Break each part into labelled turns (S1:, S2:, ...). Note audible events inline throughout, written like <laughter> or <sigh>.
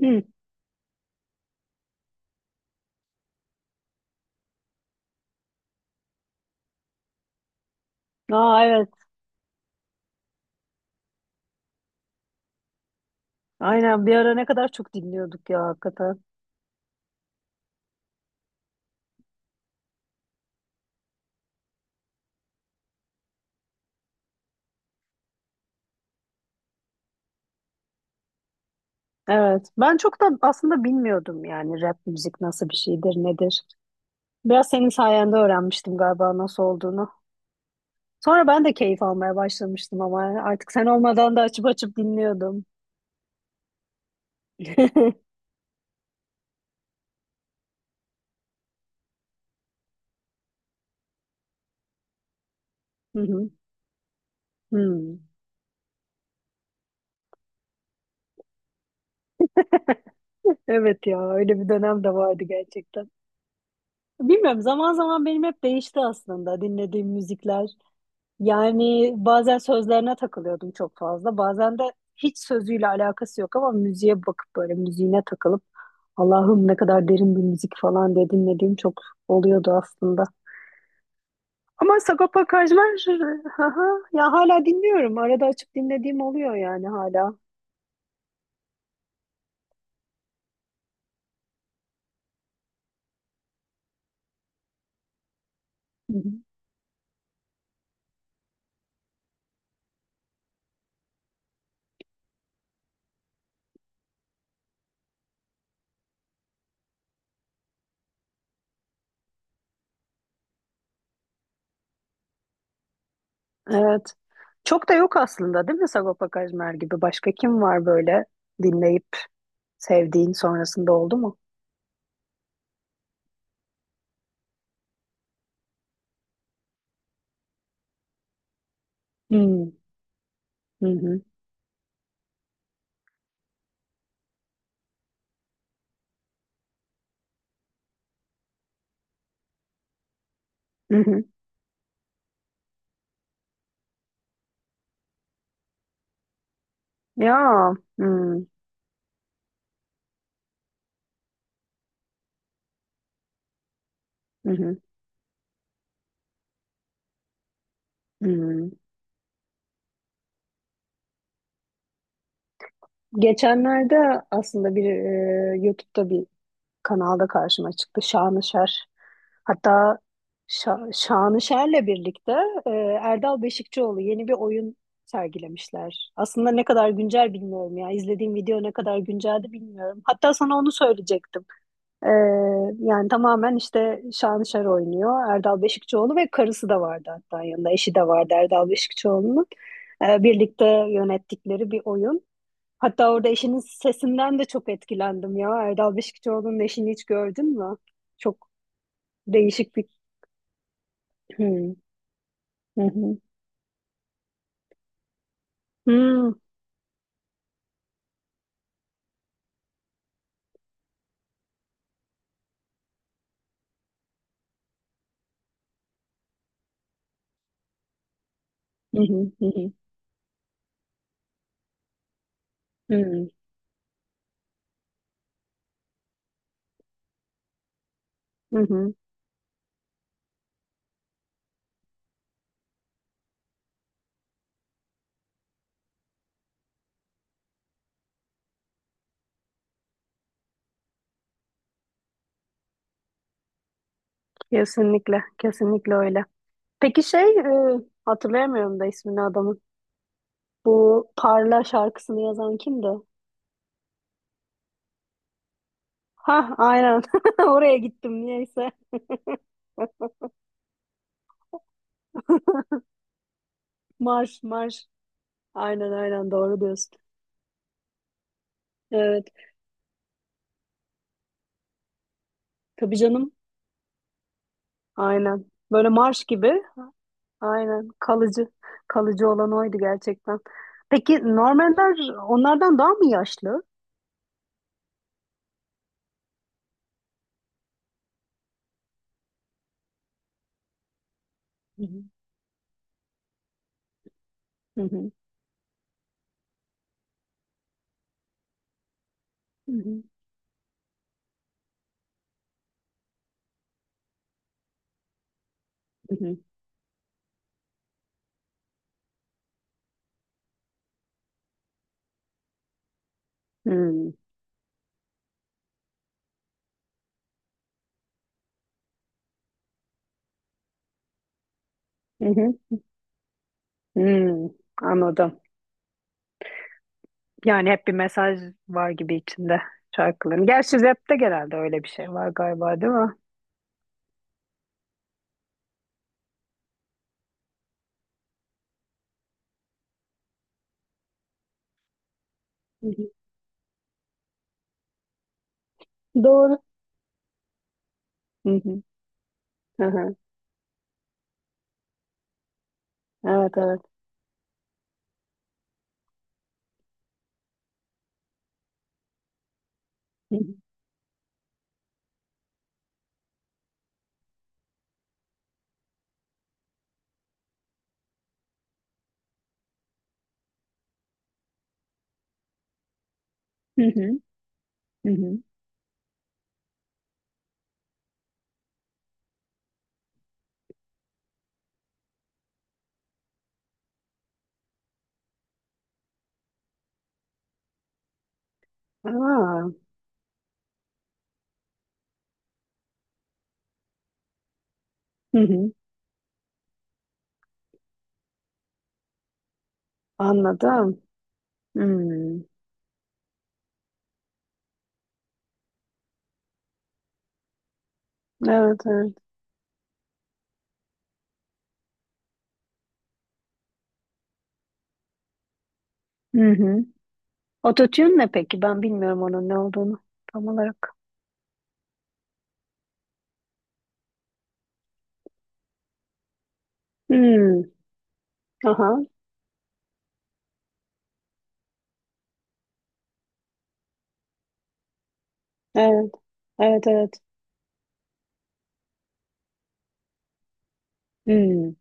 S1: Hı. Aa evet. Aynen bir ara ne kadar çok dinliyorduk ya hakikaten. Evet. Ben çok da aslında bilmiyordum yani rap müzik nasıl bir şeydir, nedir. Biraz senin sayende öğrenmiştim galiba nasıl olduğunu. Sonra ben de keyif almaya başlamıştım ama artık sen olmadan da açıp açıp dinliyordum. <laughs> Hı hı. Hı. Evet ya öyle bir dönem de vardı gerçekten. Bilmiyorum zaman zaman benim hep değişti aslında dinlediğim müzikler. Yani bazen sözlerine takılıyordum çok fazla. Bazen de hiç sözüyle alakası yok ama müziğe bakıp böyle müziğine takılıp Allah'ım ne kadar derin bir müzik falan diye dinlediğim çok oluyordu aslında. Ama Sagopa Kajmer <laughs> haha, ya hala dinliyorum. Arada açıp dinlediğim oluyor yani hala. Hı hı. Evet. Çok da yok aslında değil mi Sagopa Kajmer gibi? Başka kim var böyle dinleyip sevdiğin sonrasında oldu mu? Hmm. Hı hı. Hı hı. Ya. Hmm. Hı hı. Hmm. Geçenlerde aslında bir YouTube'da bir kanalda karşıma çıktı Şanışer. Hatta Şanışer'le birlikte e, Erdal Beşikçioğlu yeni bir oyun sergilemişler. Aslında ne kadar güncel bilmiyorum ya. İzlediğim video ne kadar günceldi bilmiyorum. Hatta sana onu söyleyecektim. E, Yani tamamen işte Şanışer oynuyor. Erdal Beşikçioğlu ve karısı da vardı hatta yanında. Eşi de vardı Erdal Beşikçioğlu'nun. Birlikte yönettikleri bir oyun. Hatta orada eşinin sesinden de çok etkilendim ya. Erdal Beşikçioğlu'nun eşini hiç gördün mü? Çok değişik bir... Hmm, hı hı. Hmm, hı hı, hı hı, hı hı, hı. Kesinlikle, kesinlikle öyle. Peki şey, hatırlayamıyorum da ismini adamın. Bu Parla şarkısını yazan kimdi? Ha, aynen. <laughs> Oraya gittim niyeyse. <laughs> Marş, marş. Aynen aynen doğru diyorsun. Evet. Tabii canım. Aynen. Böyle marş gibi. Aynen kalıcı. Kalıcı olan oydu gerçekten. Peki Normanlar onlardan daha mı yaşlı? Hı hı. Hı hı. Hı hı. Hı hı. Hı hı. Hı. Anladım. Yani hep bir mesaj var gibi içinde şarkıların. Gerçi rapte genelde öyle bir şey var galiba değil mi? Hı hı. Doğru. Hı hı. Hı hı. Evet evet. Hı hı. Hı hı. Hı hı. Aa. Hı hı. Anladım. Hmm. Evet evet. Hı hı. Ototune ne peki? Ben bilmiyorum onun ne olduğunu tam olarak. Hmm. Aha. Evet. Evet evet. Hmm.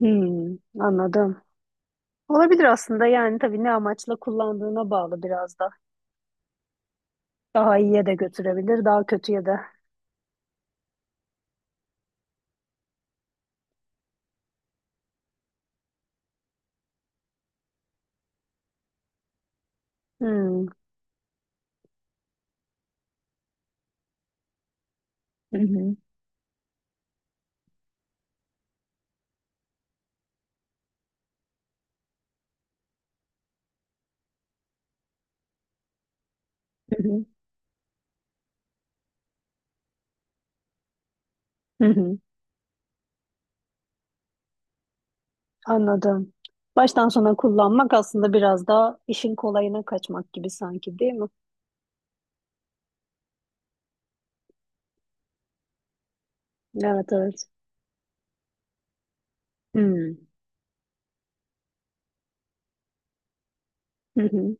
S1: Hmm. Anladım. Olabilir aslında yani tabii ne amaçla kullandığına bağlı biraz da. Daha iyiye de götürebilir, daha kötüye de. Hmm. Hı hı. Hı hı. Hı hı. Anladım. Baştan sona kullanmak aslında biraz daha işin kolayına kaçmak gibi sanki değil mi? Evet evet. Hmm. Hı hı.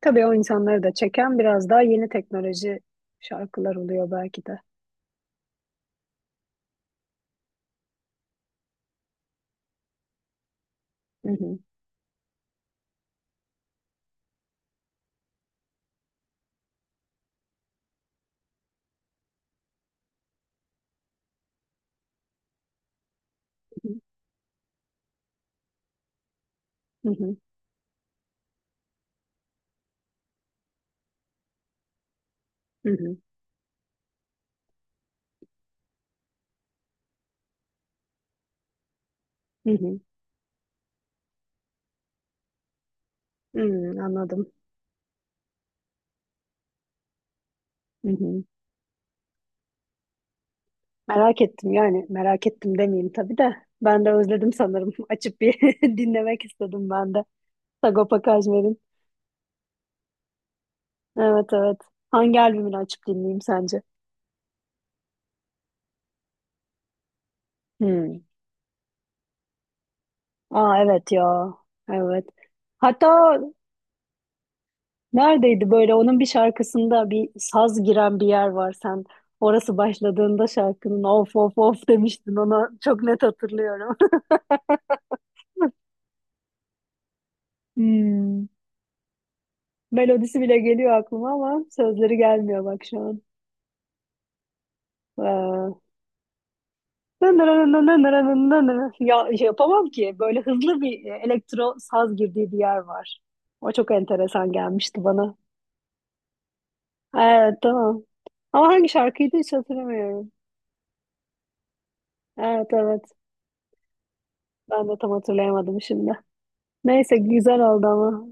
S1: Tabii o insanları da çeken biraz daha yeni teknoloji şarkılar oluyor belki de. Hı hı. Hı hı. Hı hı. Hı hı. Hı hı. Anladım. Hı hı. Merak ettim yani merak ettim demeyeyim tabii de. Ben de özledim sanırım. <laughs> Açıp bir <laughs> dinlemek istedim ben de. Sagopa Kajmer'in. Evet evet. Hangi albümünü açıp dinleyeyim sence? Hmm. Aa evet ya. Evet. Hatta neredeydi böyle onun bir şarkısında bir saz giren bir yer var sen. Orası başladığında şarkının of of of demiştin ona çok net hatırlıyorum. <laughs> Hmm. Melodisi bile geliyor aklıma ama sözleri gelmiyor bak şu an. Ee, <laughs> Ya şey yapamam ki böyle hızlı bir elektro saz girdiği bir yer var. O çok enteresan gelmişti bana. Evet tamam. Ama hangi şarkıydı hiç hatırlamıyorum. Evet evet ben de tam hatırlayamadım şimdi. Neyse güzel oldu ama.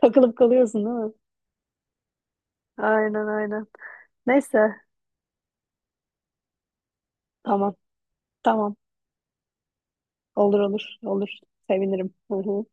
S1: Takılıp kalıyorsun değil mi? Aynen aynen. Neyse. Tamam tamam. Olur olur olur. Sevinirim. Hı hı.